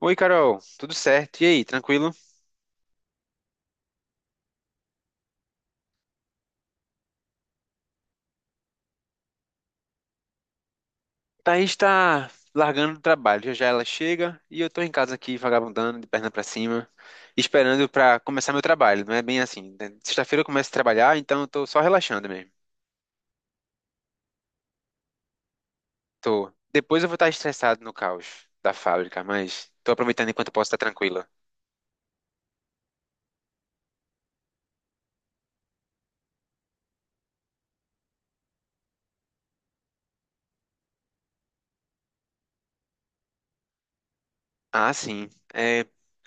Oi, Carol, tudo certo? E aí, tranquilo? Thaís tá largando o trabalho, já já ela chega e eu tô em casa aqui vagabundando, de perna pra cima, esperando pra começar meu trabalho. Não é bem assim, né? Sexta-feira eu começo a trabalhar, então eu tô só relaxando mesmo. Tô. Depois eu vou estar estressado no caos da fábrica, mas tô aproveitando enquanto eu posso estar tranquila. Ah, sim. É,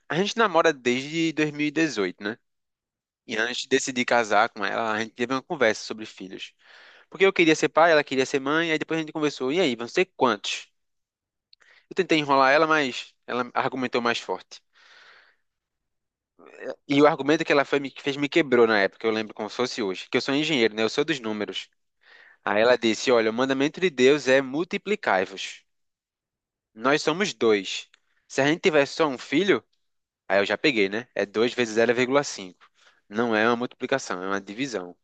a gente namora desde 2018, né? E antes de decidir casar com ela, a gente teve uma conversa sobre filhos. Porque eu queria ser pai, ela queria ser mãe, aí depois a gente conversou, e aí, vão ser quantos? Eu tentei enrolar ela, mas ela argumentou mais forte. E o argumento que ela foi, me, fez me quebrou na época, eu lembro como se fosse hoje, que eu sou engenheiro, né? Eu sou dos números. Aí ela disse, olha, o mandamento de Deus é multiplicai-vos. Nós somos dois. Se a gente tiver só um filho, aí eu já peguei, né? É 2 vezes zero vírgula cinco. Não é uma multiplicação, é uma divisão.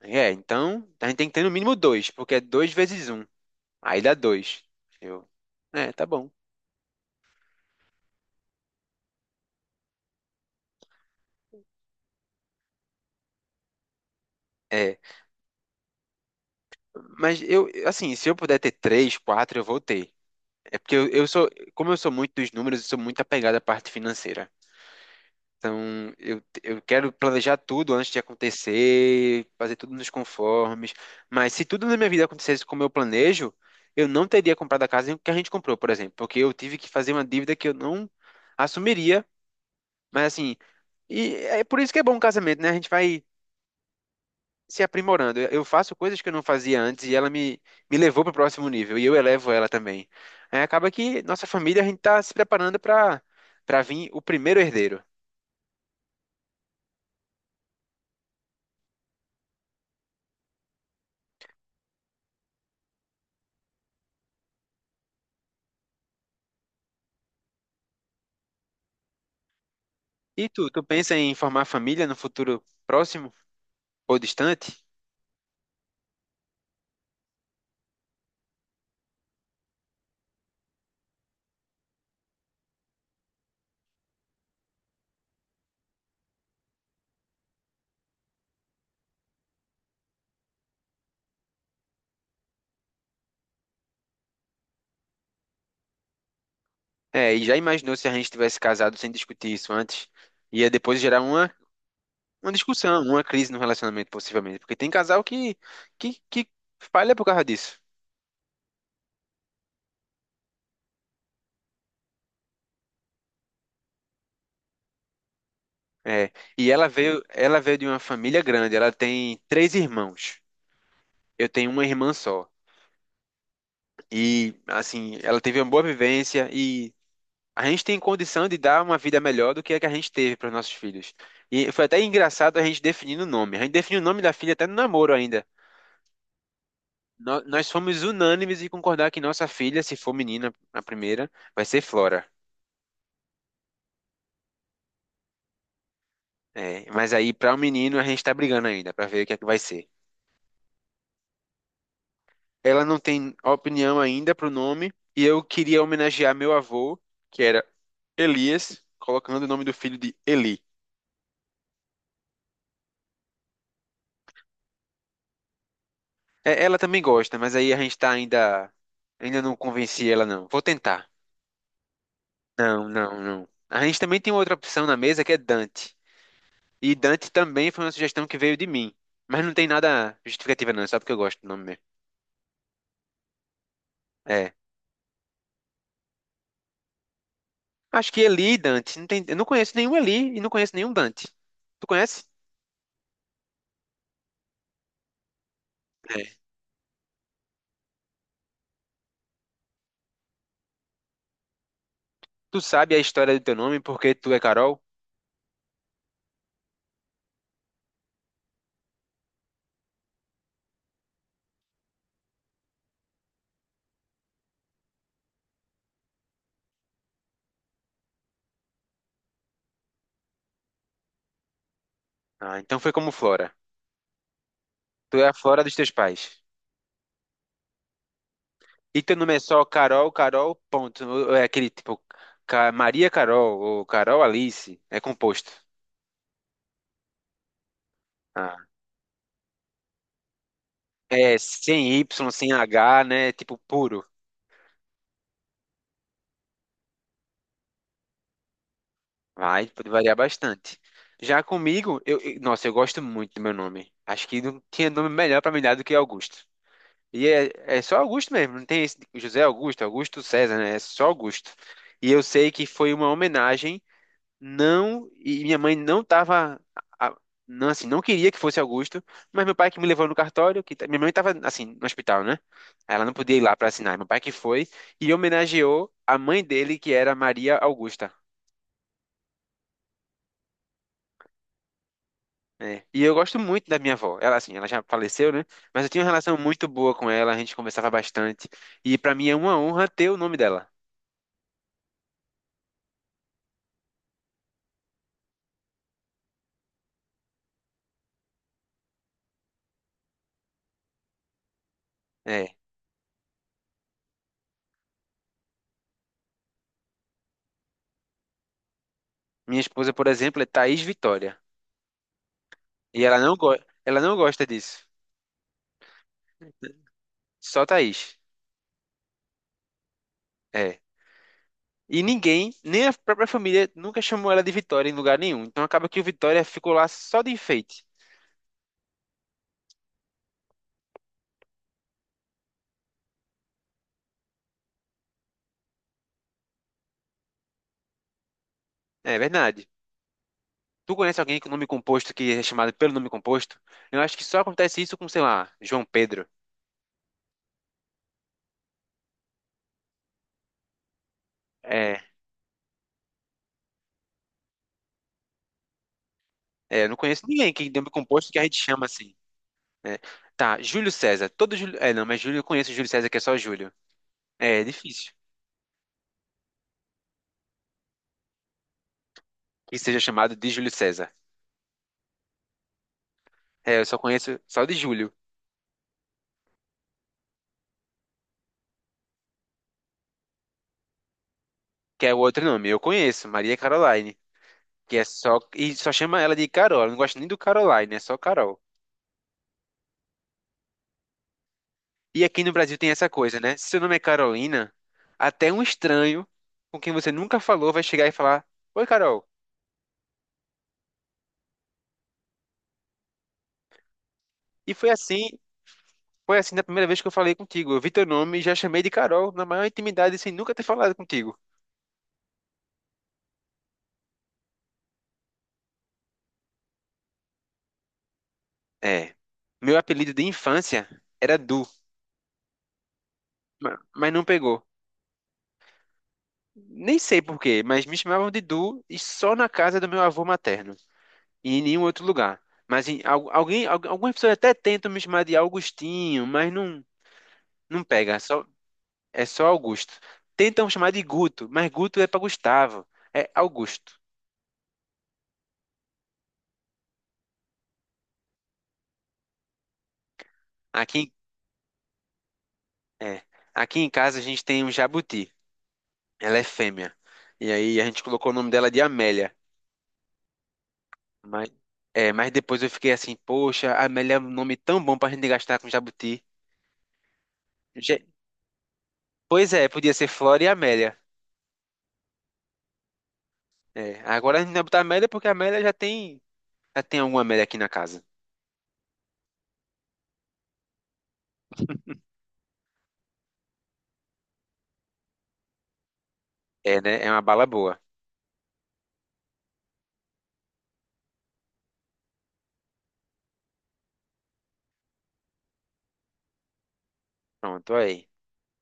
É, então a gente tem que ter no mínimo dois, porque é 2 vezes um. Aí dá 2. Eu, tá bom. É, mas eu, assim, se eu puder ter três, quatro, eu vou ter. É porque como eu sou muito dos números, eu sou muito apegado à parte financeira. Então, eu quero planejar tudo antes de acontecer, fazer tudo nos conformes. Mas se tudo na minha vida acontecesse como eu planejo, eu não teria comprado a casa que a gente comprou, por exemplo, porque eu tive que fazer uma dívida que eu não assumiria. Mas, assim, e é por isso que é bom um casamento, né? A gente vai se aprimorando. Eu faço coisas que eu não fazia antes e ela me levou para o próximo nível e eu elevo ela também. Aí acaba que nossa família, a gente está se preparando para vir o primeiro herdeiro. E tu pensa em formar família no futuro próximo ou distante? É, e já imaginou se a gente tivesse casado sem discutir isso antes? Ia depois gerar uma discussão, uma crise no relacionamento, possivelmente. Porque tem casal que falha por causa disso. É, e ela veio de uma família grande, ela tem três irmãos. Eu tenho uma irmã só. E, assim, ela teve uma boa vivência e a gente tem condição de dar uma vida melhor do que a gente teve para os nossos filhos. E foi até engraçado a gente definindo o nome. A gente definiu o nome da filha até no namoro ainda. Nós fomos unânimes em concordar que nossa filha, se for menina, a primeira, vai ser Flora. É, mas aí, para o menino, a gente está brigando ainda para ver o que é que vai ser. Ela não tem opinião ainda pro nome e eu queria homenagear meu avô, que era Elias, colocando o nome do filho de Eli. É, ela também gosta, mas aí a gente tá ainda. Ainda não convenci ela, não. Vou tentar. Não, não, não. A gente também tem outra opção na mesa que é Dante. E Dante também foi uma sugestão que veio de mim. Mas não tem nada justificativa, não. É só porque eu gosto do nome mesmo. É. Acho que Eli e Dante. Eu não conheço nenhum Eli e não conheço nenhum Dante. Tu conhece? É. Tu sabe a história do teu nome porque tu é Carol? Ah, então foi como Flora. Tu é a Flora dos teus pais. E teu nome é só Carol, Carol, ponto. Ou é aquele tipo, Maria Carol, ou Carol Alice. É composto. Ah. É sem Y, sem H, né? Tipo puro. Vai, pode variar bastante. Já comigo, nossa, eu gosto muito do meu nome. Acho que não tinha nome melhor pra me dar do que Augusto. E é só Augusto mesmo, não tem esse de José Augusto, Augusto César, né? É só Augusto. E eu sei que foi uma homenagem. Não, e minha mãe não tava, a- não, assim, não queria que fosse Augusto, mas meu pai que me levou no cartório, minha mãe tava, assim, no hospital, né? Aí ela não podia ir lá pra assinar, meu pai que foi, e homenageou a mãe dele, que era Maria Augusta, né? E eu gosto muito da minha avó. Ela, assim, ela já faleceu, né? Mas eu tinha uma relação muito boa com ela, a gente conversava bastante. E pra mim é uma honra ter o nome dela. É. Minha esposa, por exemplo, é Thaís Vitória. E ela não gosta disso. Só Thaís. É. E ninguém, nem a própria família, nunca chamou ela de Vitória em lugar nenhum. Então acaba que o Vitória ficou lá só de enfeite. É verdade. Tu conhece alguém com nome composto que é chamado pelo nome composto? Eu acho que só acontece isso com, sei lá, João Pedro. É, é, eu não conheço ninguém que tem nome composto que a gente chama assim, né? Tá, Júlio César. Todo Júlio. É, não, mas Júlio eu conheço Júlio César, que é só Júlio. É, difícil que seja chamado de Júlio César. É, eu só conheço só de Júlio, que é o outro nome. Eu conheço, Maria Caroline. Que é só. E só chama ela de Carol. Ela não gosta nem do Caroline, é só Carol. E aqui no Brasil tem essa coisa, né? Se seu nome é Carolina, até um estranho com quem você nunca falou vai chegar e falar: Oi, Carol. E foi assim na primeira vez que eu falei contigo. Eu vi teu nome e já chamei de Carol na maior intimidade sem nunca ter falado contigo. É. Meu apelido de infância era Du, mas não pegou. Nem sei por quê, mas me chamavam de Du e só na casa do meu avô materno, e em nenhum outro lugar. Mas algumas pessoas até tentam me chamar de Augustinho, mas não, não pega, é só Augusto. Tentam chamar de Guto, mas Guto é para Gustavo, é Augusto. Aqui, em- é, aqui em casa a gente tem um jabuti, ela é fêmea. E aí a gente colocou o nome dela de Amélia. Mas, mas depois eu fiquei assim, poxa, Amélia é um nome tão bom pra gente gastar com jabuti. Je- Pois é, podia ser Flora e Amélia. É, agora a gente vai botar Amélia porque a Amélia já tem alguma média aqui na casa. É, né? É uma bala boa. Pronto, aí.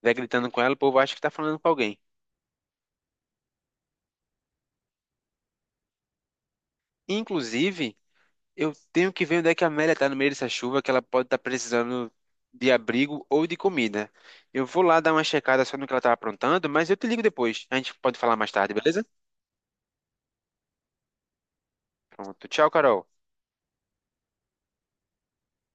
Vai gritando com ela, o povo acha que tá falando com alguém. Inclusive, eu tenho que ver onde é que a Amélia tá no meio dessa chuva, que ela pode estar precisando de abrigo ou de comida. Eu vou lá dar uma checada só no que ela tá aprontando, mas eu te ligo depois. A gente pode falar mais tarde, beleza? Pronto. Tchau, Carol.